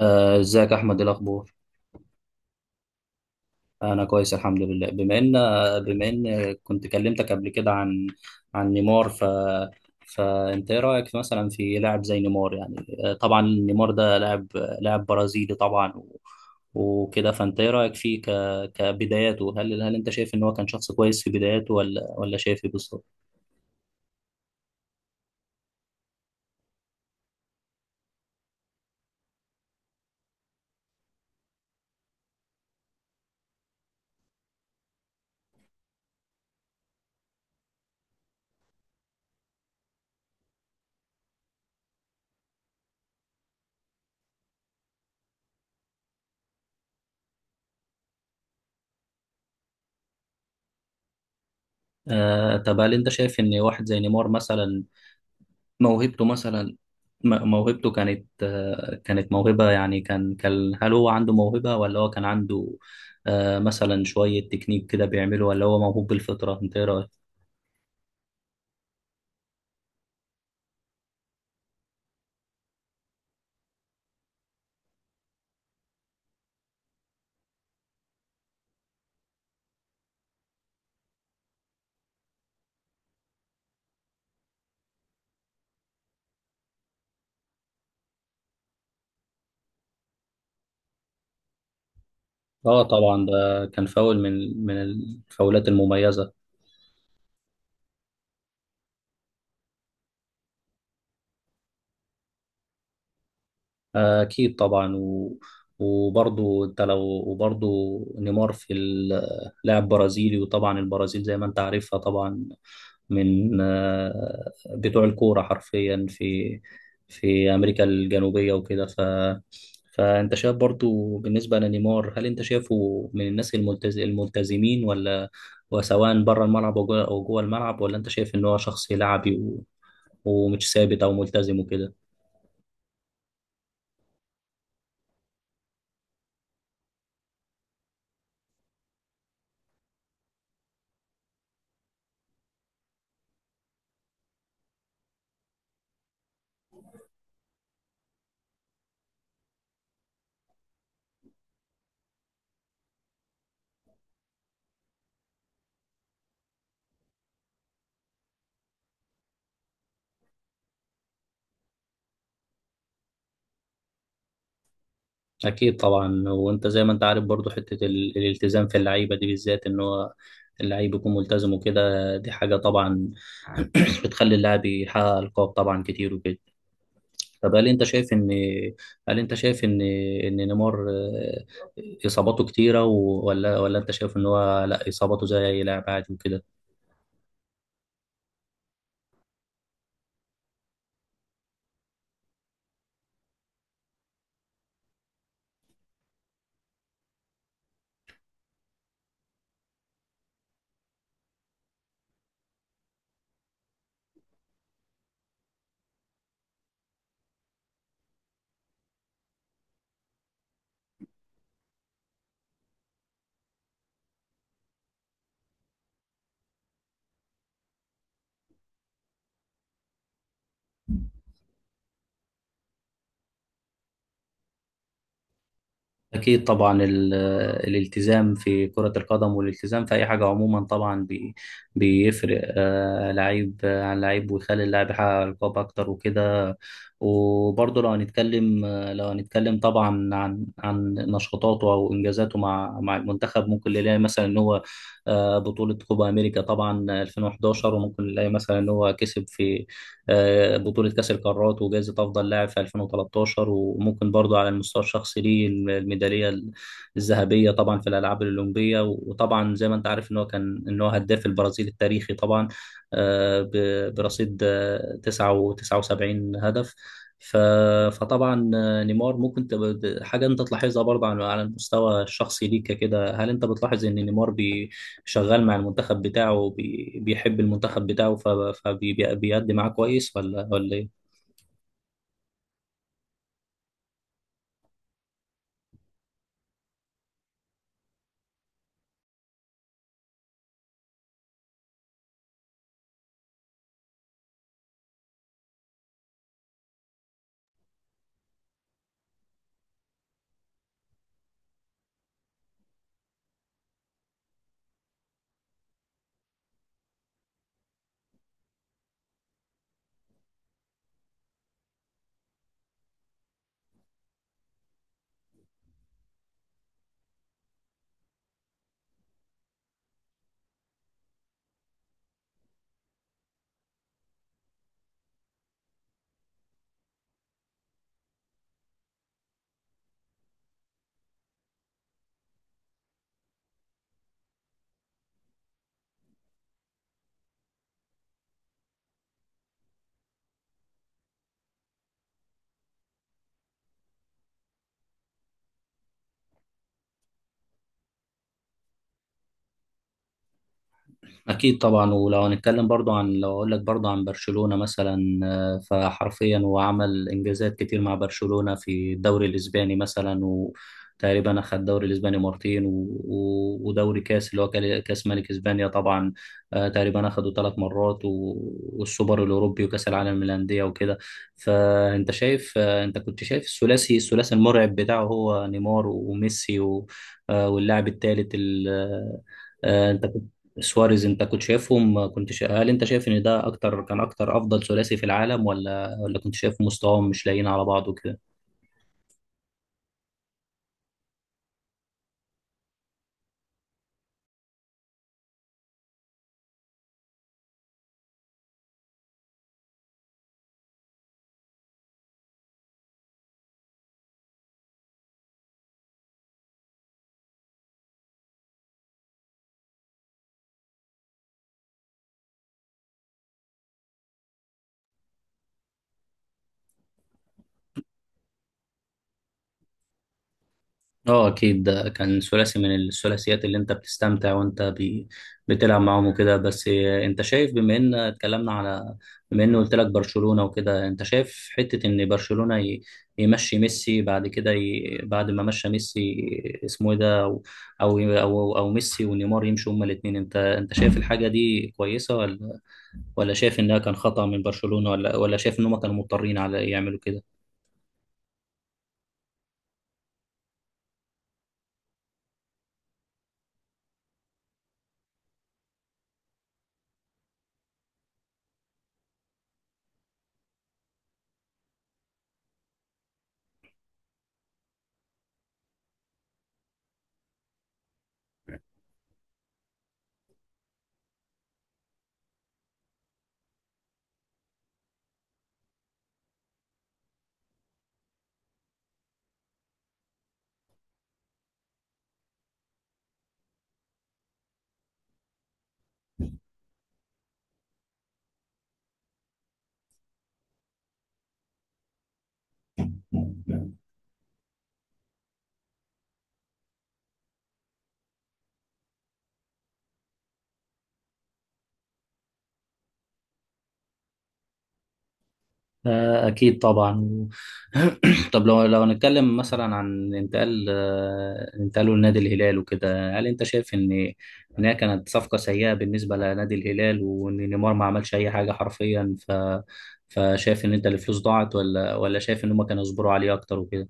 ازيك يا احمد؟ إيه الاخبار؟ انا كويس الحمد لله. بما ان كنت كلمتك قبل كده عن نيمار، فانت ايه رايك مثلا في لاعب زي نيمار يعني؟ طبعا نيمار ده لاعب برازيلي طبعا وكده. فانت ايه رايك فيه ك... كبداياته، هل انت شايف ان هو كان شخص كويس في بداياته ولا شايف ايه بالظبط؟ طب هل انت شايف ان واحد زي نيمار مثلا، موهبته مثلا موهبته كانت كانت موهبة يعني، كان هل هو عنده موهبة، ولا هو كان عنده مثلا شوية تكنيك كده بيعمله، ولا هو موهوب بالفطرة؟ انت ايه رأيك؟ اه طبعا، ده كان فاول من الفاولات المميزة. اكيد طبعا. وبرضه انت لو وبرضه، نيمار اللاعب برازيلي، وطبعا البرازيل زي ما انت عارفها طبعا من بتوع الكورة حرفيا في أمريكا الجنوبية وكده. فأنت شايف برضو بالنسبة لنيمار، هل أنت شايفه من الناس الملتزمين، ولا وسواء بره الملعب أو جوه الملعب، ولا أنت شايف إن هو شخص لعبي ومش ثابت أو ملتزم وكده؟ أكيد طبعا. وأنت زي ما أنت عارف برضو، حتة الالتزام في اللعيبة دي بالذات، إن هو اللعيب يكون ملتزم وكده، دي حاجة طبعا بتخلي اللاعب يحقق ألقاب طبعا كتير وكده. طب هل انت شايف ان هل انت شايف ان نيمار اصاباته كتيره، ولا انت شايف ان هو لا، اصاباته زي اي لاعب عادي وكده؟ أكيد طبعا. الالتزام في كرة القدم، والالتزام في أي حاجة عموما طبعا، بيفرق لعيب عن لعيب، ويخلي اللاعب يحقق ألقاب أكتر وكده. وبرضه لو هنتكلم طبعا عن نشاطاته أو إنجازاته مع المنتخب. ممكن نلاقي مثلا إن هو بطولة كوبا أمريكا طبعا 2011، وممكن نلاقي مثلا إن هو كسب في بطولة كأس القارات وجائزة أفضل لاعب في 2013، وممكن برضه على المستوى الشخصي ليه الميدالية الذهبية طبعا في الألعاب الأولمبية، وطبعا زي ما أنت عارف إن هو كان، إن هو هداف البرازيل التاريخي طبعا، برصيد 79 هدف. ف- فطبعا نيمار ممكن تبقى حاجة أنت تلاحظها برضه على المستوى الشخصي ليك كده. هل أنت بتلاحظ إن نيمار شغال مع المنتخب بتاعه، بيحب المنتخب بتاعه فبيأدي معاه كويس، ولا إيه؟ أكيد طبعا. ولو هنتكلم برضو عن لو أقول لك برضو عن برشلونة مثلا، فحرفيا هو عمل إنجازات كتير مع برشلونة في الدوري الإسباني مثلا، وتقريبا أخد الدوري الإسباني مرتين، ودوري كاس اللي هو كاس ملك إسبانيا طبعا، تقريبا أخده ثلاث مرات، والسوبر الأوروبي وكاس العالم للأندية وكده. فأنت شايف آه، أنت كنت شايف الثلاثي المرعب بتاعه، هو نيمار وميسي واللاعب الثالث ال- آه، آه، انت سواريز، انت كنت شايفهم، هل انت شايف ان ده اكتر، كان اكتر افضل ثلاثي في العالم، ولا كنت شايف مستواهم مش لايقين على بعض وكده؟ اه اكيد، ده كان ثلاثي من الثلاثيات اللي انت بتستمتع وانت بتلعب معاهم وكده. بس انت شايف، بما ان قلت لك برشلونة وكده، انت شايف حتة ان برشلونة يمشي ميسي؟ بعد كده بعد ما مشى ميسي اسمه ايه ده، او أو ميسي ونيمار يمشوا هما الاثنين، انت شايف الحاجة دي كويسة، ولا شايف انها كان خطأ من برشلونة، ولا شايف ان هما كانوا مضطرين على يعملوا كده؟ أكيد طبعا. طب لو هنتكلم مثلا عن انتقال، انتقاله لنادي الهلال وكده، هل أنت شايف إن هي كانت صفقة سيئة بالنسبة لنادي الهلال، وإن نيمار ما عملش أي حاجة حرفيا، فشايف إن أنت الفلوس ضاعت، ولا شايف إن هما كانوا يصبروا عليه أكتر وكده؟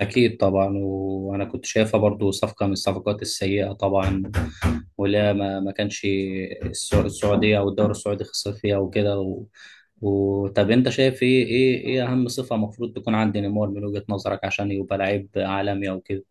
أكيد طبعا. وأنا كنت شايفها برضو صفقة من الصفقات السيئة طبعا. ولا ما كانش السعودية أو الدوري السعودي خسر فيها وكده. طب أنت شايف إيه أهم صفة المفروض تكون عند نيمار من وجهة نظرك عشان يبقى لعيب عالمي أو كده؟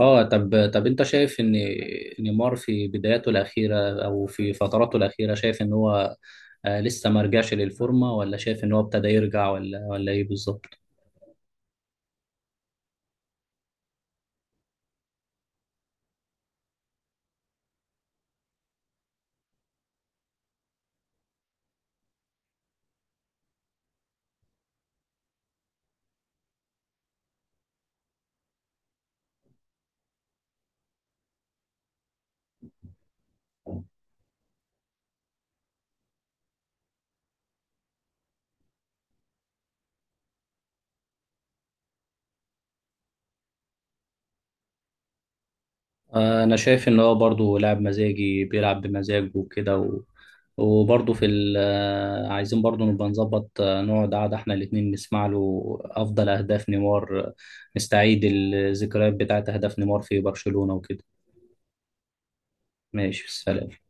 اه، طب انت شايف ان نيمار في بداياته الاخيره او في فتراته الاخيره، شايف ان هو لسه ما رجعش للفورمه، ولا شايف ان هو ابتدى يرجع، ولا ايه بالظبط؟ انا شايف ان هو برضه لاعب مزاجي بيلعب بمزاجه وكده. وبرضه في ال... آه، عايزين برضه نبقى نظبط، نقعد قعده احنا الاتنين نسمع له افضل اهداف نيمار، نستعيد الذكريات بتاعت اهداف نيمار في برشلونة وكده. ماشي سلام.